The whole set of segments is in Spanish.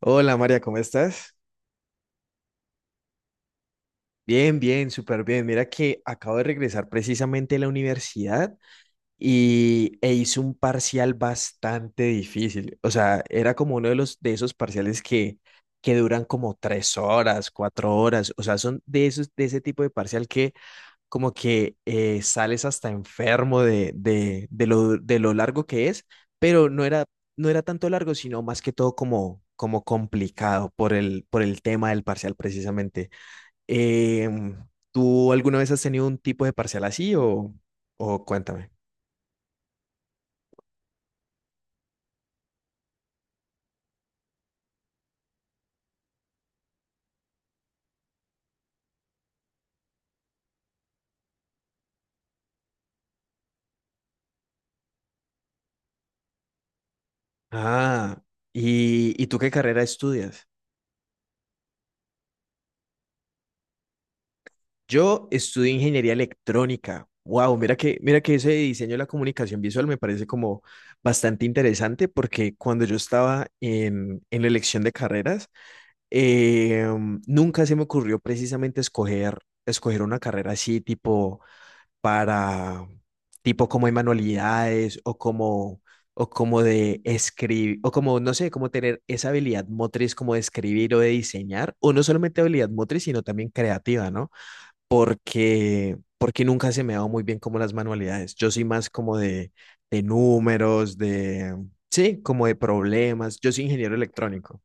Hola María, ¿cómo estás? Bien, bien, súper bien. Mira que acabo de regresar precisamente de la universidad y hice un parcial bastante difícil. O sea, era como uno de los de esos parciales que duran como tres horas, cuatro horas. O sea, son de esos de ese tipo de parcial que como que sales hasta enfermo de lo largo que es, pero no era tanto largo, sino más que todo como complicado por el tema del parcial precisamente. Em, ¿Tú alguna vez has tenido un tipo de parcial así o cuéntame? Ah, y tú qué carrera estudias? Yo estudio ingeniería electrónica. Wow, mira que ese diseño de la comunicación visual me parece como bastante interesante porque cuando yo estaba en la elección de carreras, eh, nunca se me ocurrió precisamente escoger, escoger una carrera así tipo para tipo como hay manualidades o como de escribir o como no sé, como tener esa habilidad motriz como de escribir o de diseñar o no solamente habilidad motriz, sino también creativa, ¿no? Porque nunca se me ha dado muy bien como las manualidades. Yo soy más como de números, de sí, como de problemas. Yo soy ingeniero electrónico.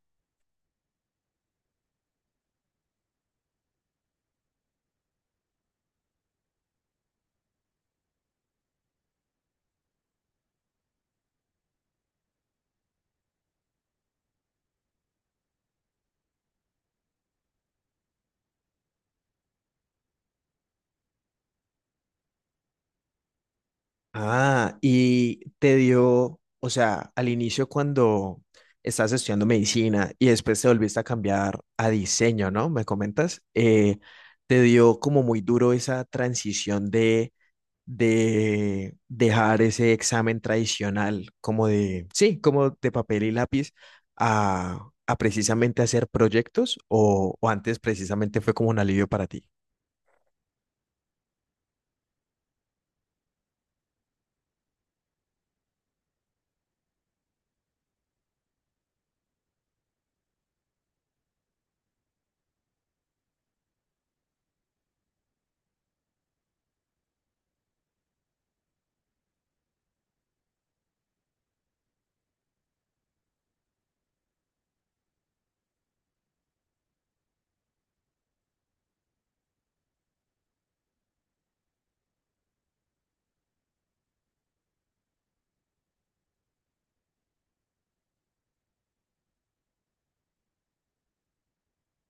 Ah, y te dio, o sea, al inicio cuando estás estudiando medicina y después te volviste a cambiar a diseño, ¿no? Me comentas, te dio como muy duro esa transición de dejar ese examen tradicional, como de, sí, como de papel y lápiz, a precisamente hacer proyectos o antes precisamente fue como un alivio para ti.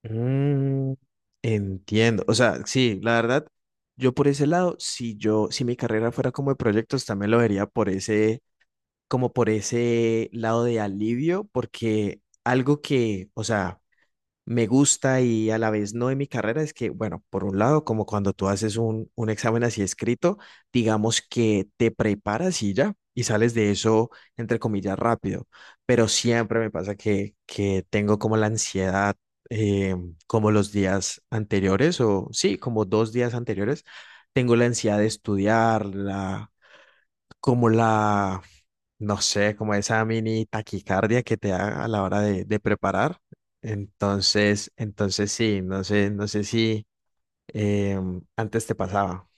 Mm, entiendo. O sea, sí, la verdad, yo por ese lado, si yo, si mi carrera fuera como de proyectos, también lo vería por ese, como por ese lado de alivio, porque algo que, o sea, me gusta y a la vez no en mi carrera es que, bueno, por un lado, como cuando tú haces un examen así escrito, digamos que te preparas y ya, y sales de eso, entre comillas, rápido, pero siempre me pasa que tengo como la ansiedad, eh, como los días anteriores, o sí, como dos días anteriores, tengo la ansiedad de estudiar, la, como la no sé, como esa mini taquicardia que te da a la hora de preparar. Entonces sí, no sé, no sé si antes te pasaba.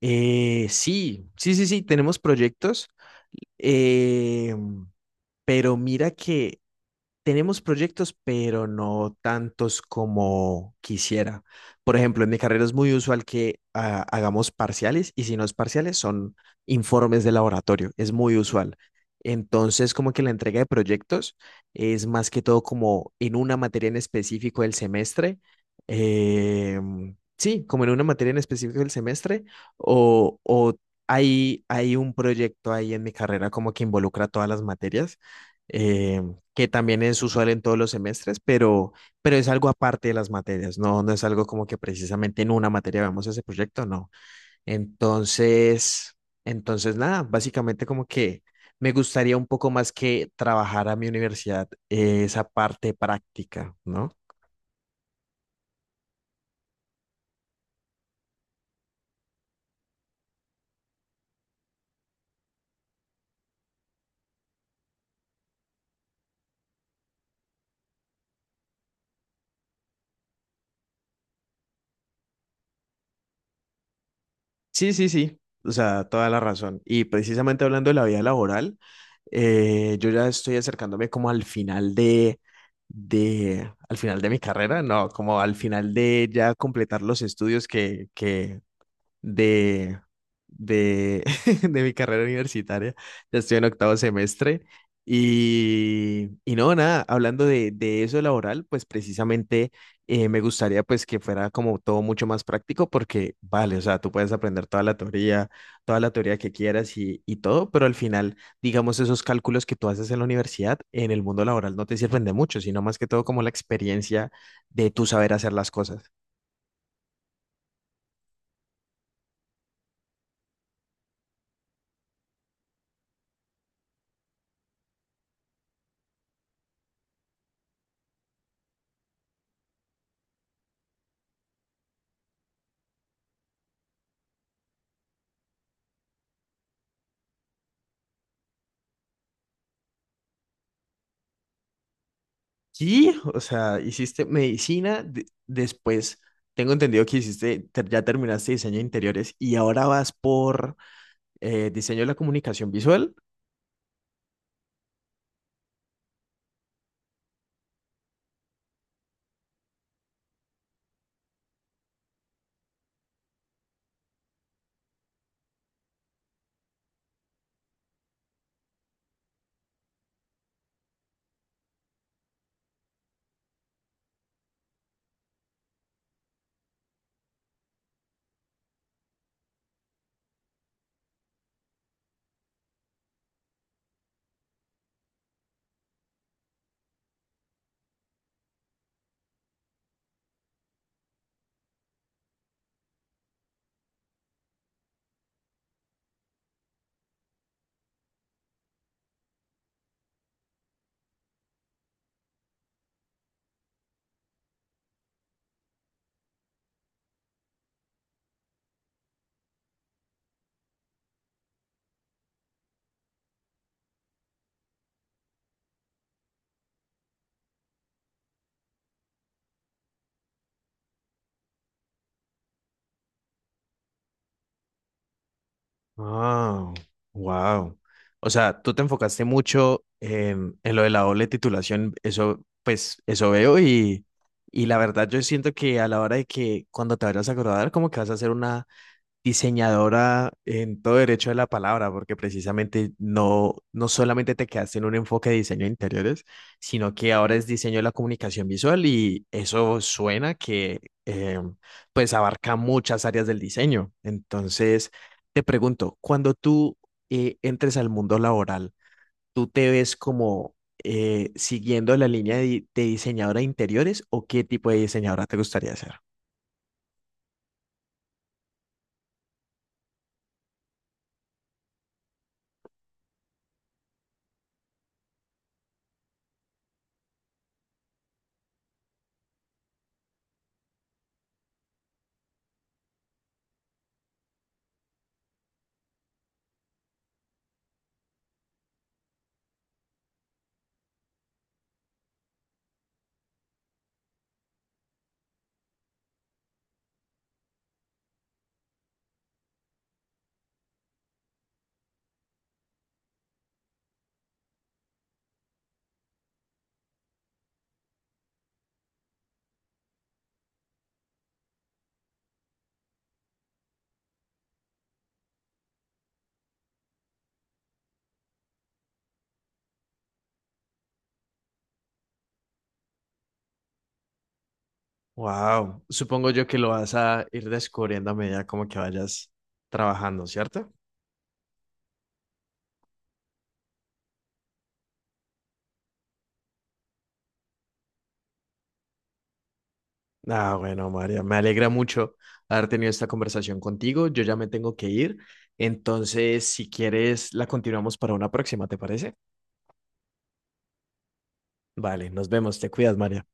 Sí, sí, sí, sí, tenemos proyectos, em, pero mira que tenemos proyectos, pero no tantos como quisiera. Por ejemplo, en mi carrera es muy usual que hagamos parciales y si no es parciales son informes de laboratorio. Es muy usual. Entonces, como que la entrega de proyectos es más que todo como en una materia en específico del semestre. eh, sí, como en una materia en específico del semestre o hay un proyecto ahí en mi carrera como que involucra todas las materias. Eh, que también es usual en todos los semestres, pero es algo aparte de las materias, no, no es algo como que precisamente en una materia vamos ese proyecto, no. Entonces, entonces nada, básicamente como que me gustaría un poco más que trabajar a mi universidad esa parte práctica, ¿no? Sí, sí, sí, o sea, toda la razón. Y precisamente hablando de la vida laboral, yo ya estoy acercándome como al final de, al final de mi carrera, no, como al final de ya completar los estudios que de, de, de mi carrera universitaria. Ya estoy en octavo semestre. Y no, nada, hablando de eso laboral, pues precisamente me gustaría pues que fuera como todo mucho más práctico porque, vale, o sea, tú puedes aprender toda la teoría que quieras y todo, pero al final, digamos, esos cálculos que tú haces en la universidad, en el mundo laboral no te sirven de mucho, sino más que todo como la experiencia de tú saber hacer las cosas. Sí, o sea, hiciste medicina, de- después tengo entendido que hiciste, ter- ya terminaste diseño de interiores y ahora vas por diseño de la comunicación visual. Ah, wow. O sea, tú te enfocaste mucho en lo de la doble titulación, eso, pues, eso veo y la verdad yo siento que a la hora de que cuando te vayas a graduar, como que vas a hacer una diseñadora en todo derecho de la palabra, porque precisamente no, no solamente te quedaste en un enfoque de diseño de interiores, sino que ahora es diseño de la comunicación visual y eso suena que eh, pues abarca muchas áreas del diseño. Entonces, te pregunto, cuando tú entres al mundo laboral, ¿tú te ves como siguiendo la línea de, di- de diseñadora de interiores o qué tipo de diseñadora te gustaría ser? Wow, supongo yo que lo vas a ir descubriendo a medida como que vayas trabajando, ¿cierto? Ah, bueno, María, me alegra mucho haber tenido esta conversación contigo. Yo ya me tengo que ir, entonces si quieres la continuamos para una próxima, ¿te parece? Vale, nos vemos, te cuidas, María.